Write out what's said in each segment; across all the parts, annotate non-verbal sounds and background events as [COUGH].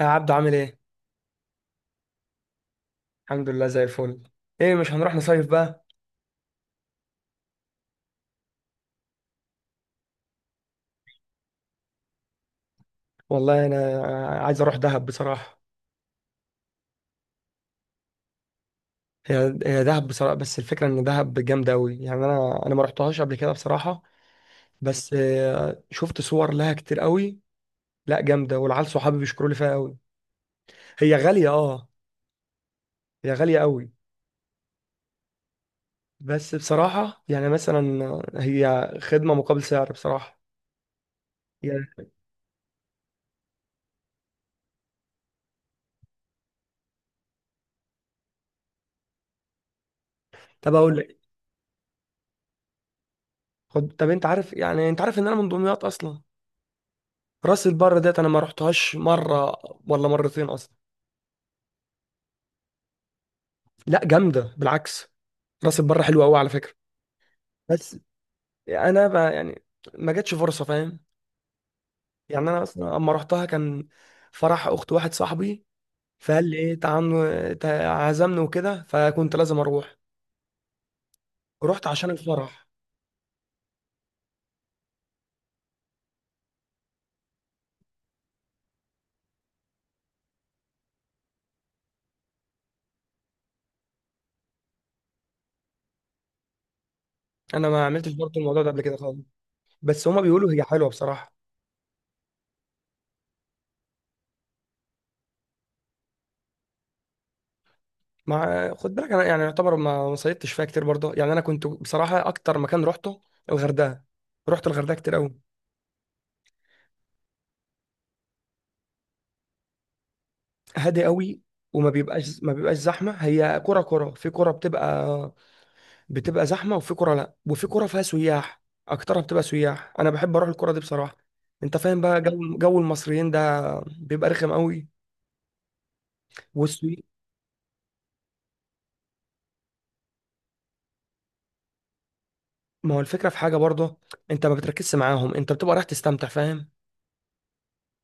يا عبدو، عامل ايه؟ الحمد لله زي الفل. ايه، مش هنروح نصيف بقى؟ والله انا عايز اروح دهب بصراحة. هي دهب بصراحة، بس الفكرة ان دهب جامدة قوي، يعني انا ما رحتهاش قبل كده بصراحة. بس شفت صور لها كتير قوي. لا جامدة، والعيال صحابي بيشكروا لي فيها قوي. هي غالية، اه. هي غالية قوي. بس بصراحة يعني مثلا، هي خدمة مقابل سعر بصراحة. يعني طب اقول لك، خد، طب انت عارف، يعني انت عارف ان انا من دمياط اصلا. راس البر ديت انا ما رحتهاش مره ولا مرتين اصلا. لا، جامده بالعكس. راس البر حلوه قوي على فكره. بس انا بقى يعني ما جاتش فرصه، فاهم. يعني انا اصلا اما رحتها كان فرح اخت واحد صاحبي، فقال لي ايه تعال. عزمني وكده، فكنت لازم اروح. رحت عشان الفرح. انا ما عملتش برضه الموضوع ده قبل كده خالص. بس هما بيقولوا هي حلوه بصراحه. مع خد بالك، انا يعني يعتبر ما صيدتش فيها كتير برضه. يعني انا كنت بصراحه اكتر مكان رحته الغردقه. رحت الغردقه كتير قوي. هادي قوي. وما بيبقاش ما بيبقاش زحمه. هي كره كره في كره بتبقى، بتبقى زحمه، وفي كره لا، وفي كره فيها سياح. اكترها بتبقى سياح، انا بحب اروح الكره دي بصراحه. انت فاهم بقى جو المصريين ده، بيبقى رخم قوي والسوي. ما هو الفكره في حاجه برضه، انت ما بتركزش معاهم، انت بتبقى رايح تستمتع، فاهم.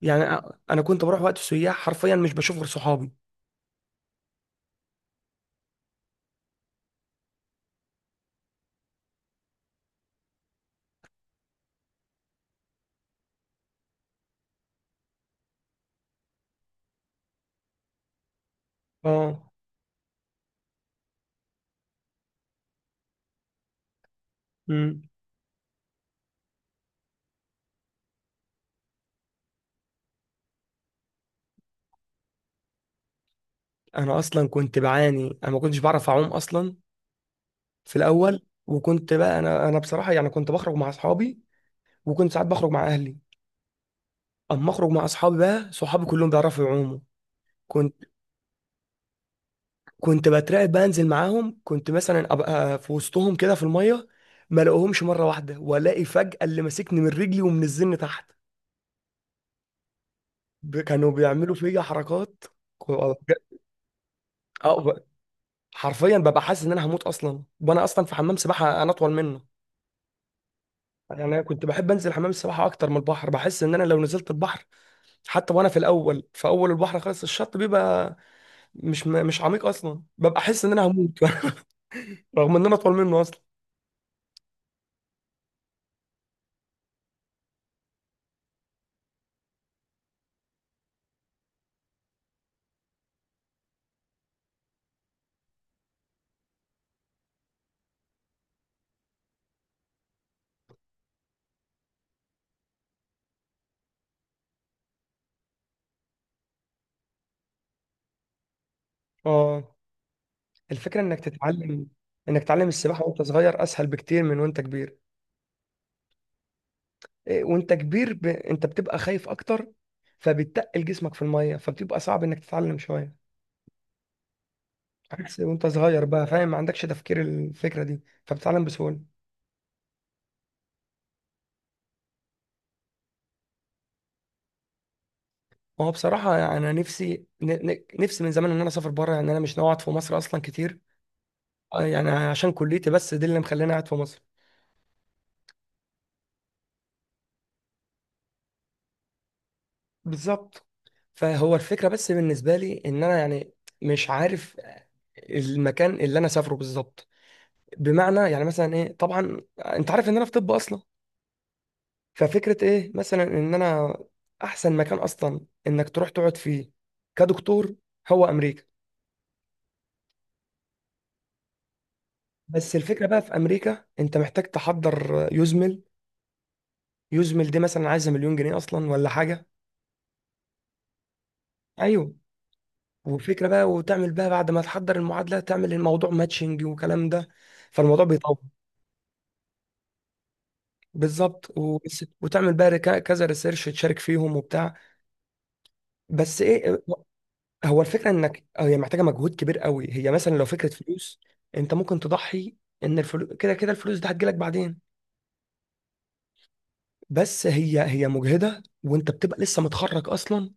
يعني انا كنت بروح وقت السياح، حرفيا مش بشوف غير صحابي. اه. امم. انا اصلا كنت بعاني، انا ما كنتش بعرف اعوم اصلا في الاول. وكنت بقى انا بصراحه يعني كنت بخرج مع اصحابي، وكنت ساعات بخرج مع اهلي. اما اخرج مع اصحابي بقى، صحابي كلهم بيعرفوا يعوموا. كنت كنت بترعب بنزل معاهم. كنت مثلا ابقى في وسطهم كده في الميه، ما الاقيهمش مره واحده، والاقي فجاه اللي ماسكني من رجلي ومنزلني تحت. كانوا بيعملوا فيا حركات. اه. ب- حرفيا ببقى حاسس ان انا هموت اصلا، وانا اصلا في حمام سباحه، انا اطول منه. يعني انا كنت بحب انزل حمام السباحه اكتر من البحر، بحس ان انا لو نزلت البحر، حتى وانا في الاول، في اول البحر خالص، الشط بيبقى مش عميق اصلا، ببقى احس ان انا هموت [LAUGHS] رغم ان انا اطول منه اصلا. اه. الفكره انك تتعلم، انك تتعلم السباحه وانت صغير اسهل بكتير من وانت كبير. إيه، وانت كبير انت بتبقى خايف اكتر، فبتقل جسمك في الميه، فبتبقى صعب انك تتعلم شويه. عكس وانت صغير بقى، فاهم، ما عندكش تفكير الفكره دي، فبتتعلم بسهوله. هو بصراحه يعني انا نفسي، نفسي من زمان ان انا اسافر بره. يعني انا مش ناوي اقعد في مصر اصلا كتير. يعني عشان كليتي بس دي اللي مخليني قاعد في مصر. بالظبط. فهو الفكرة بس بالنسبة لي إن أنا يعني مش عارف المكان اللي أنا سافره بالظبط. بمعنى يعني مثلا إيه، طبعا أنت عارف إن أنا في طب أصلا. ففكرة إيه مثلا، إن أنا أحسن مكان أصلا إنك تروح تقعد فيه كدكتور هو أمريكا. بس الفكرة بقى في أمريكا، أنت محتاج تحضر يزمل. يزمل دي مثلا عايزة مليون جنيه أصلا ولا حاجة. ايوه. وفكرة بقى، وتعمل بقى بعد ما تحضر المعادلة، تعمل الموضوع ماتشنج وكلام ده، فالموضوع بيطول. بالظبط. وتعمل بقى كذا ريسيرش تشارك فيهم وبتاع. بس ايه، إيه، هو الفكرة انك هي محتاجة مجهود كبير قوي. هي مثلا لو فكرة فلوس، انت ممكن تضحي، ان الفلوس كده كده الفلوس دي هتجيلك بعدين. بس هي مجهدة، وانت بتبقى لسه متخرج اصلا،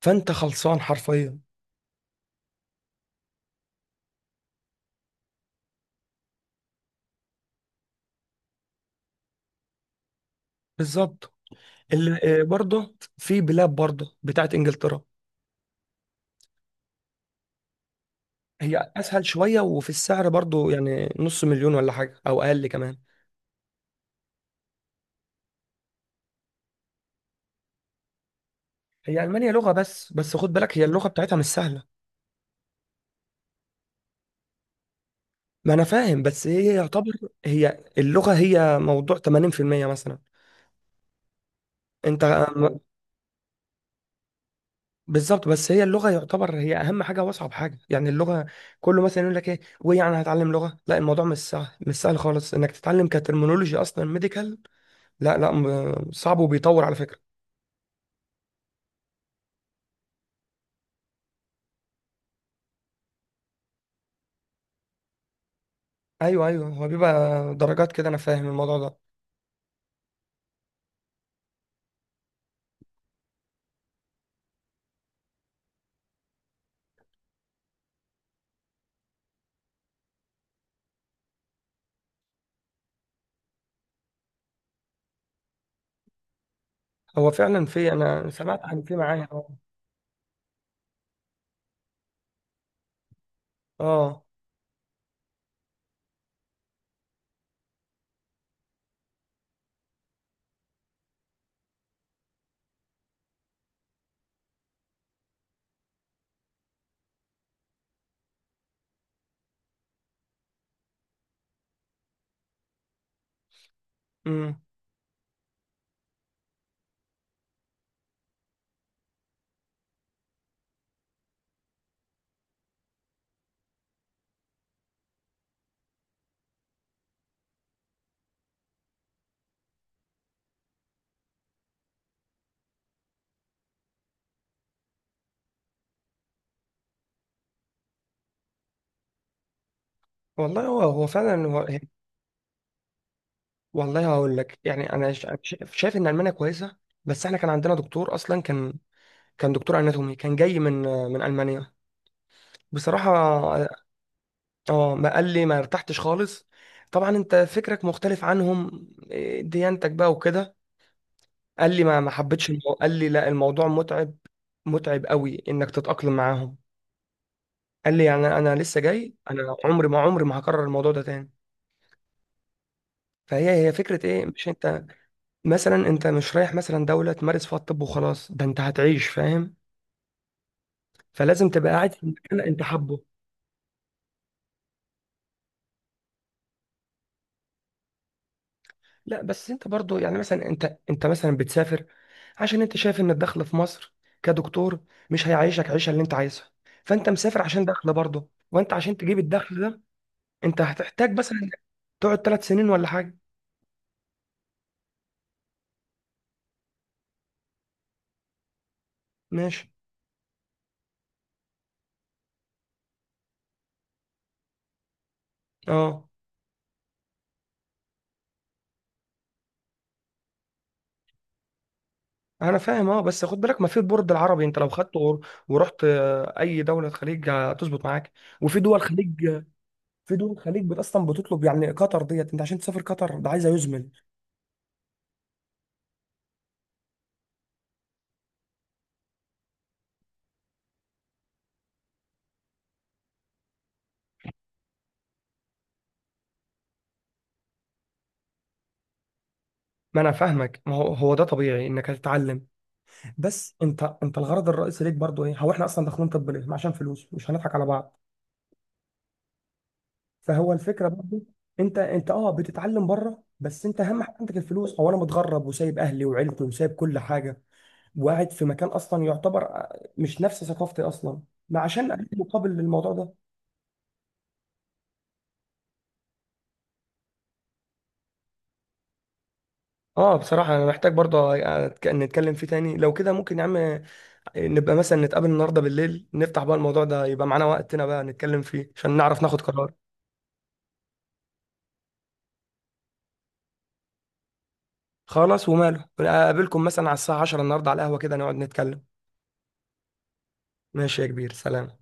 فانت خلصان حرفيا. بالظبط. اللي برضه في بلاد برضه بتاعت انجلترا، هي اسهل شويه، وفي السعر برضو يعني نص مليون ولا حاجه او اقل كمان. هي المانيا لغه، بس خد بالك، هي اللغه بتاعتها مش سهله. ما انا فاهم، بس هي يعتبر، هي اللغه هي موضوع 80% مثلا. انت، بالظبط، بس هي اللغه يعتبر هي اهم حاجه واصعب حاجه، يعني اللغه كله مثلا يقول لك ايه، ويعني هتعلم لغه، لا الموضوع مش سهل، مش سهل خالص انك تتعلم كترمينولوجي اصلا ميديكال. لا لا، صعب، وبيطور على فكره. ايوه، ايوه، هو بيبقى درجات كده، انا فاهم الموضوع ده. هو فعلا، في، انا سمعت عن، في معايا، اه. اه. امم. والله هو فعلا هو. والله هقول لك يعني انا، شايف ان المانيا كويسه. بس احنا كان عندنا دكتور اصلا، كان، كان دكتور اناتومي كان جاي من المانيا بصراحه، اه. ما قال لي ما ارتحتش خالص. طبعا انت فكرك مختلف عنهم، إيه، ديانتك بقى وكده. قال لي ما حبيتش قال لي لا الموضوع متعب، متعب قوي انك تتاقلم معاهم. قال لي يعني انا لسه جاي، انا عمري ما هكرر الموضوع ده تاني. فهي هي فكرة ايه، مش انت مثلا انت مش رايح مثلا دولة تمارس فيها الطب وخلاص، ده انت هتعيش، فاهم. فلازم تبقى قاعد في المكان اللي انت حابه. لا، بس انت برضو يعني مثلا، انت مثلا بتسافر عشان انت شايف ان الدخل في مصر كدكتور مش هيعيشك عيشة اللي انت عايزها. فانت مسافر عشان دخل برضه، وانت عشان تجيب الدخل ده، انت هتحتاج مثلا تقعد 3 سنين ولا حاجة. ماشي. اه انا فاهم، اه. بس خد بالك، ما في البورد العربي، انت لو خدته ورحت اي دوله خليج هتظبط معاك. وفي دول خليج، في دول خليج اصلا بتطلب، يعني قطر ديت انت عشان تسافر قطر ده عايزه يزمل. ما انا فاهمك، ما هو ده طبيعي انك هتتعلم. بس انت الغرض الرئيسي ليك برضو ايه، هو احنا اصلا داخلين طب ليه؟ عشان فلوس، مش هنضحك على بعض. فهو الفكره برضو، انت اه بتتعلم بره، بس انت اهم حاجه عندك الفلوس. هو انا متغرب وسايب اهلي وعيلتي وسايب كل حاجه، وقاعد في مكان اصلا يعتبر مش نفس ثقافتي اصلا، ما عشان اقدم مقابل للموضوع ده. اه بصراحة أنا محتاج برضه نتكلم فيه تاني. لو كده ممكن يا عم، نبقى مثلا نتقابل النهاردة بالليل، نفتح بقى الموضوع ده، يبقى معانا وقتنا بقى نتكلم فيه عشان نعرف ناخد قرار. خلاص وماله، أقابلكم مثلا على الساعة 10 النهاردة على القهوة، كده نقعد نتكلم. ماشي يا كبير، سلام.